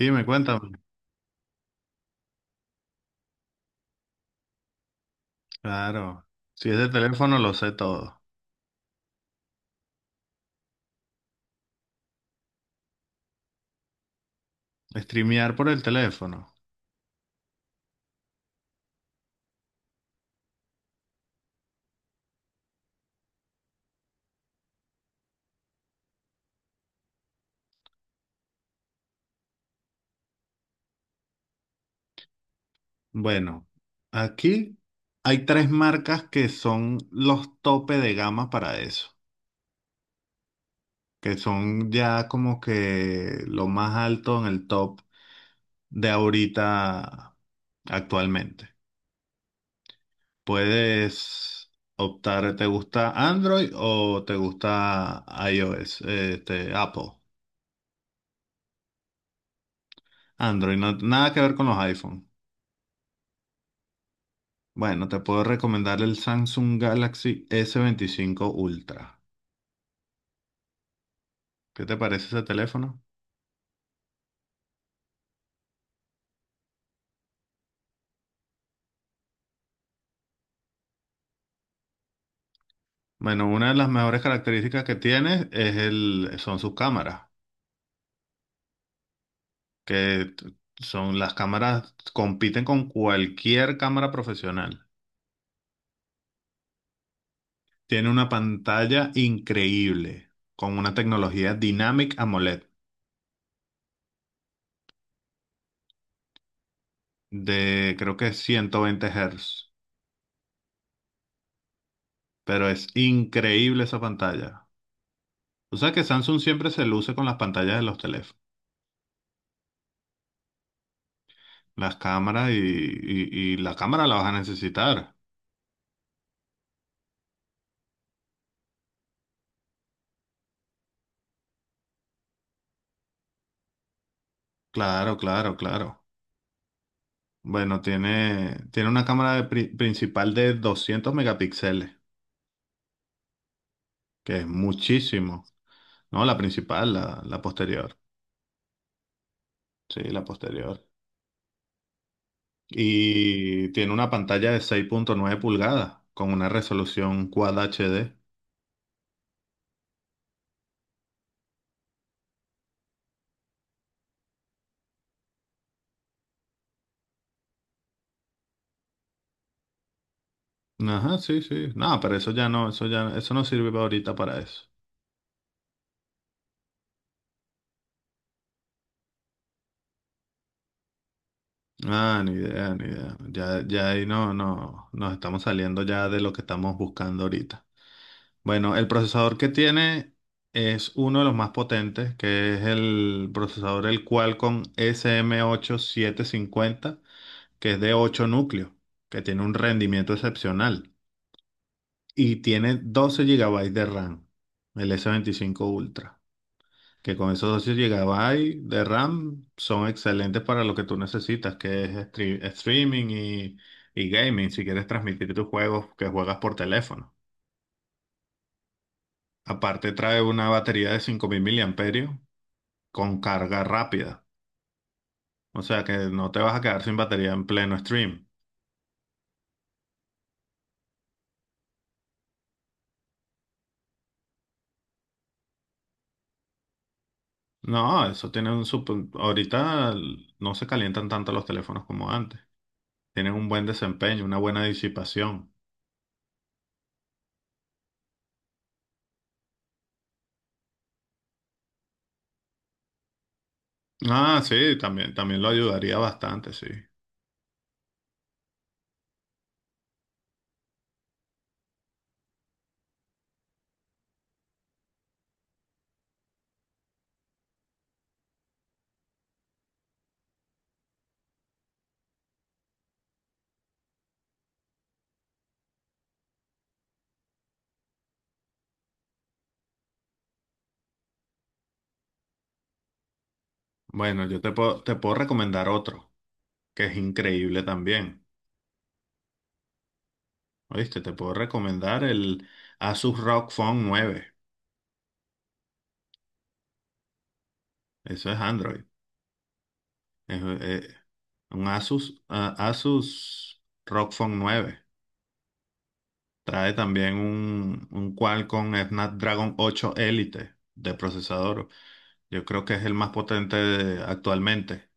Dime, cuéntame. Claro, si es de teléfono lo sé todo. Streamear por el teléfono. Bueno, aquí hay tres marcas que son los tope de gama para eso, que son ya como que lo más alto en el top de ahorita actualmente. Puedes optar, ¿te gusta Android o te gusta iOS? Apple. Android, nada que ver con los iPhone. Bueno, te puedo recomendar el Samsung Galaxy S25 Ultra. ¿Qué te parece ese teléfono? Bueno, una de las mejores características que tiene son sus cámaras, son las cámaras, compiten con cualquier cámara profesional. Tiene una pantalla increíble, con una tecnología Dynamic AMOLED de creo que 120 Hz, pero es increíble esa pantalla. O sea que Samsung siempre se luce con las pantallas de los teléfonos. Las cámaras y la cámara la vas a necesitar. Claro, claro, claro. Bueno, tiene una cámara de principal de 200 megapíxeles, que es muchísimo. No, la principal, la posterior. Sí, la posterior. Y tiene una pantalla de 6.9 pulgadas con una resolución Quad HD. Ajá, sí, sí. No, pero eso ya no, eso ya, eso no sirve ahorita para eso. Ah, ni idea, ni idea. Ya, ya ahí no, no, nos estamos saliendo ya de lo que estamos buscando ahorita. Bueno, el procesador que tiene es uno de los más potentes, que es el procesador el Qualcomm SM8750, que es de 8 núcleos, que tiene un rendimiento excepcional y tiene 12 gigabytes de RAM, el S25 Ultra que con esos dos llegaba ahí de RAM son excelentes para lo que tú necesitas, que es streaming y gaming, si quieres transmitir tus juegos que juegas por teléfono. Aparte trae una batería de 5000 miliamperios con carga rápida, o sea que no te vas a quedar sin batería en pleno stream. No, eso tiene un super. Ahorita no se calientan tanto los teléfonos como antes. Tienen un buen desempeño, una buena disipación. Ah, sí, también lo ayudaría bastante, sí. Bueno, yo te puedo recomendar otro, que es increíble también. ¿Oíste? Te puedo recomendar el Asus ROG Phone 9. Eso es Android. Es, un Asus, Asus ROG Phone 9. Trae también un Qualcomm Snapdragon 8 Elite de procesador. Yo creo que es el más potente actualmente.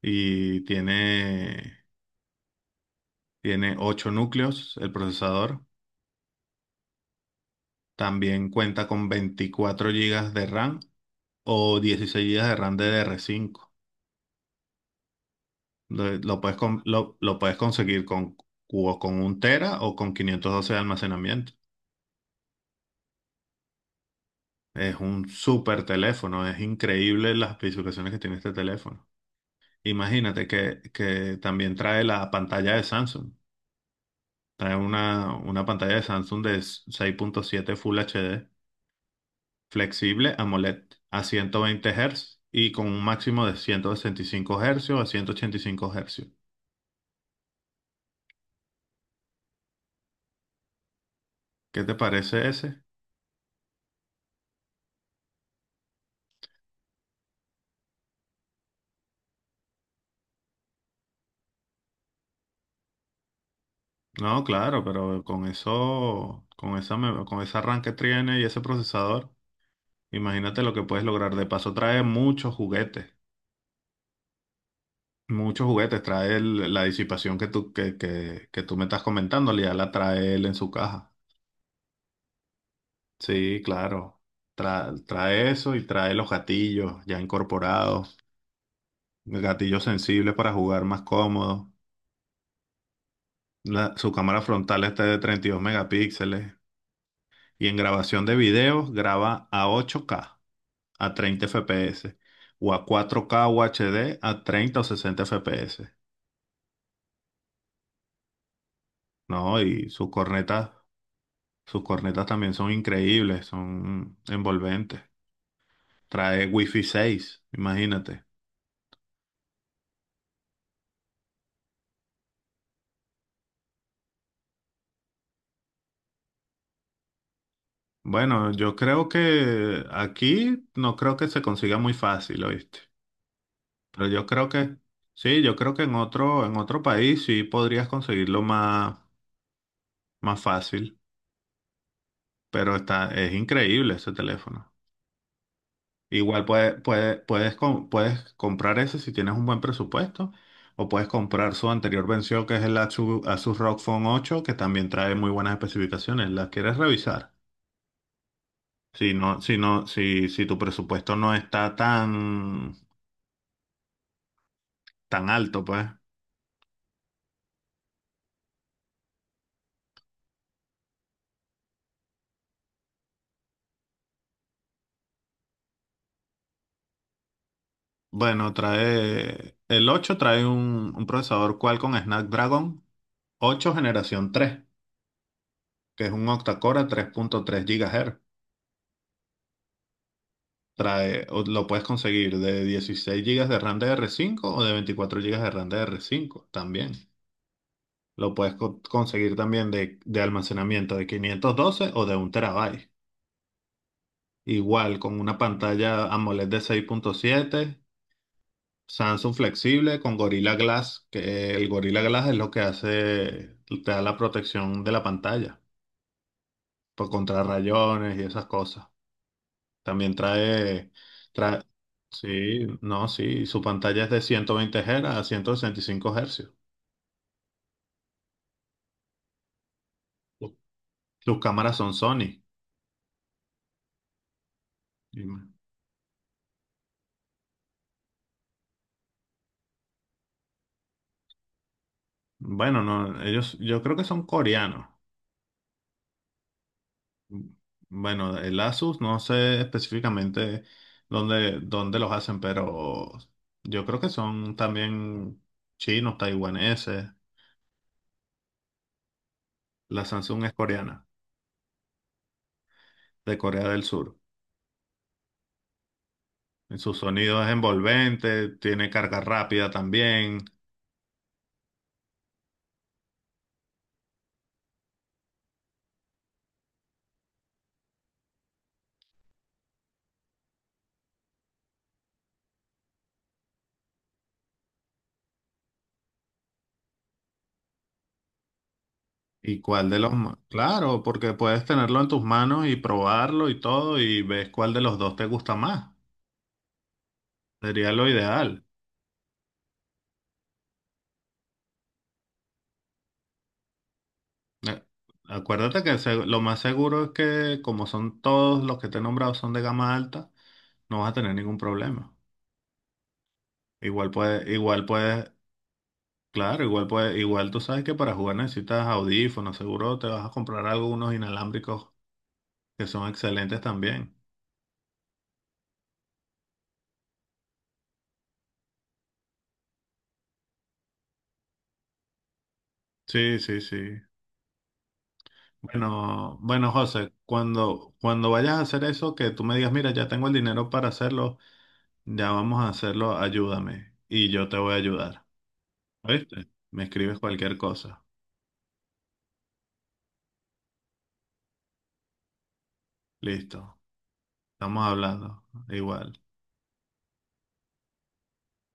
Y tiene 8 núcleos el procesador. También cuenta con 24 gigas de RAM o 16 GB de RAM DDR5. Lo puedes conseguir o con un tera o con 512 de almacenamiento. Es un súper teléfono, es increíble las especificaciones que tiene este teléfono. Imagínate que también trae la pantalla de Samsung. Trae una pantalla de Samsung de 6.7 Full HD, flexible AMOLED a 120 Hz y con un máximo de 165 Hz a 185 Hz. ¿Qué te parece ese? No, claro, pero con eso, con ese arranque tiene y ese procesador, imagínate lo que puedes lograr. De paso, trae muchos juguetes, muchos juguetes. Trae la disipación que tú me estás comentando, ya la trae él en su caja. Sí, claro. Trae eso y trae los gatillos ya incorporados, gatillos sensibles para jugar más cómodo. Su cámara frontal está de 32 megapíxeles y en grabación de videos graba a 8K a 30 FPS o a cuatro k UHD a 30 o 60 FPS, ¿no? Y sus cornetas, también son increíbles, son envolventes. Trae Wi-Fi 6, imagínate. Bueno, yo creo que aquí no creo que se consiga muy fácil, ¿oíste? Pero yo creo que sí, yo creo que en otro país sí podrías conseguirlo más fácil, pero está es increíble ese teléfono. Igual puedes comprar ese si tienes un buen presupuesto, o puedes comprar su anterior venció que es el Asus, ROG Phone 8, que también trae muy buenas especificaciones. ¿Las quieres revisar? Si no, si no, si tu presupuesto no está tan, tan alto, pues. Bueno, trae. El 8 trae un procesador Qualcomm Snapdragon 8 generación 3 que es un octa-core a 3.3 GHz. Trae, o lo puedes conseguir de 16 gigas de RAM de r 5 o de 24 gigas de RAM de r 5 también. Lo puedes conseguir también de almacenamiento de 512 o de un terabyte. Igual con una pantalla AMOLED de 6.7 Samsung flexible con Gorilla Glass, que el Gorilla Glass es lo que hace, te da la protección de la pantalla por contra rayones y esas cosas. También trae, sí, no, sí, su pantalla es de 120 Hz a 165 Hz. Su- Sus cámaras son Sony. Y, Bueno, no, ellos, yo creo que son coreanos. Bueno, el Asus, no sé específicamente dónde los hacen, pero yo creo que son también chinos, taiwaneses. La Samsung es coreana, de Corea del Sur. Su sonido es envolvente, tiene carga rápida también. ¿Y cuál de los... ma- Claro, porque puedes tenerlo en tus manos y probarlo y todo y ves cuál de los dos te gusta más. Sería lo ideal. Eh, Acuérdate que lo más seguro es que como son todos los que te he nombrado son de gama alta, no vas a tener ningún problema. Igual puedes, igual puedes, claro, igual tú sabes que para jugar necesitas audífonos, seguro te vas a comprar algunos inalámbricos que son excelentes también. Sí, sí, sí. Bueno, bueno, José, cuando vayas a hacer eso, que tú me digas, mira, ya tengo el dinero para hacerlo, ya vamos a hacerlo, ayúdame y yo te voy a ayudar. ¿Viste? Me escribes cualquier cosa. Listo. Estamos hablando. Igual.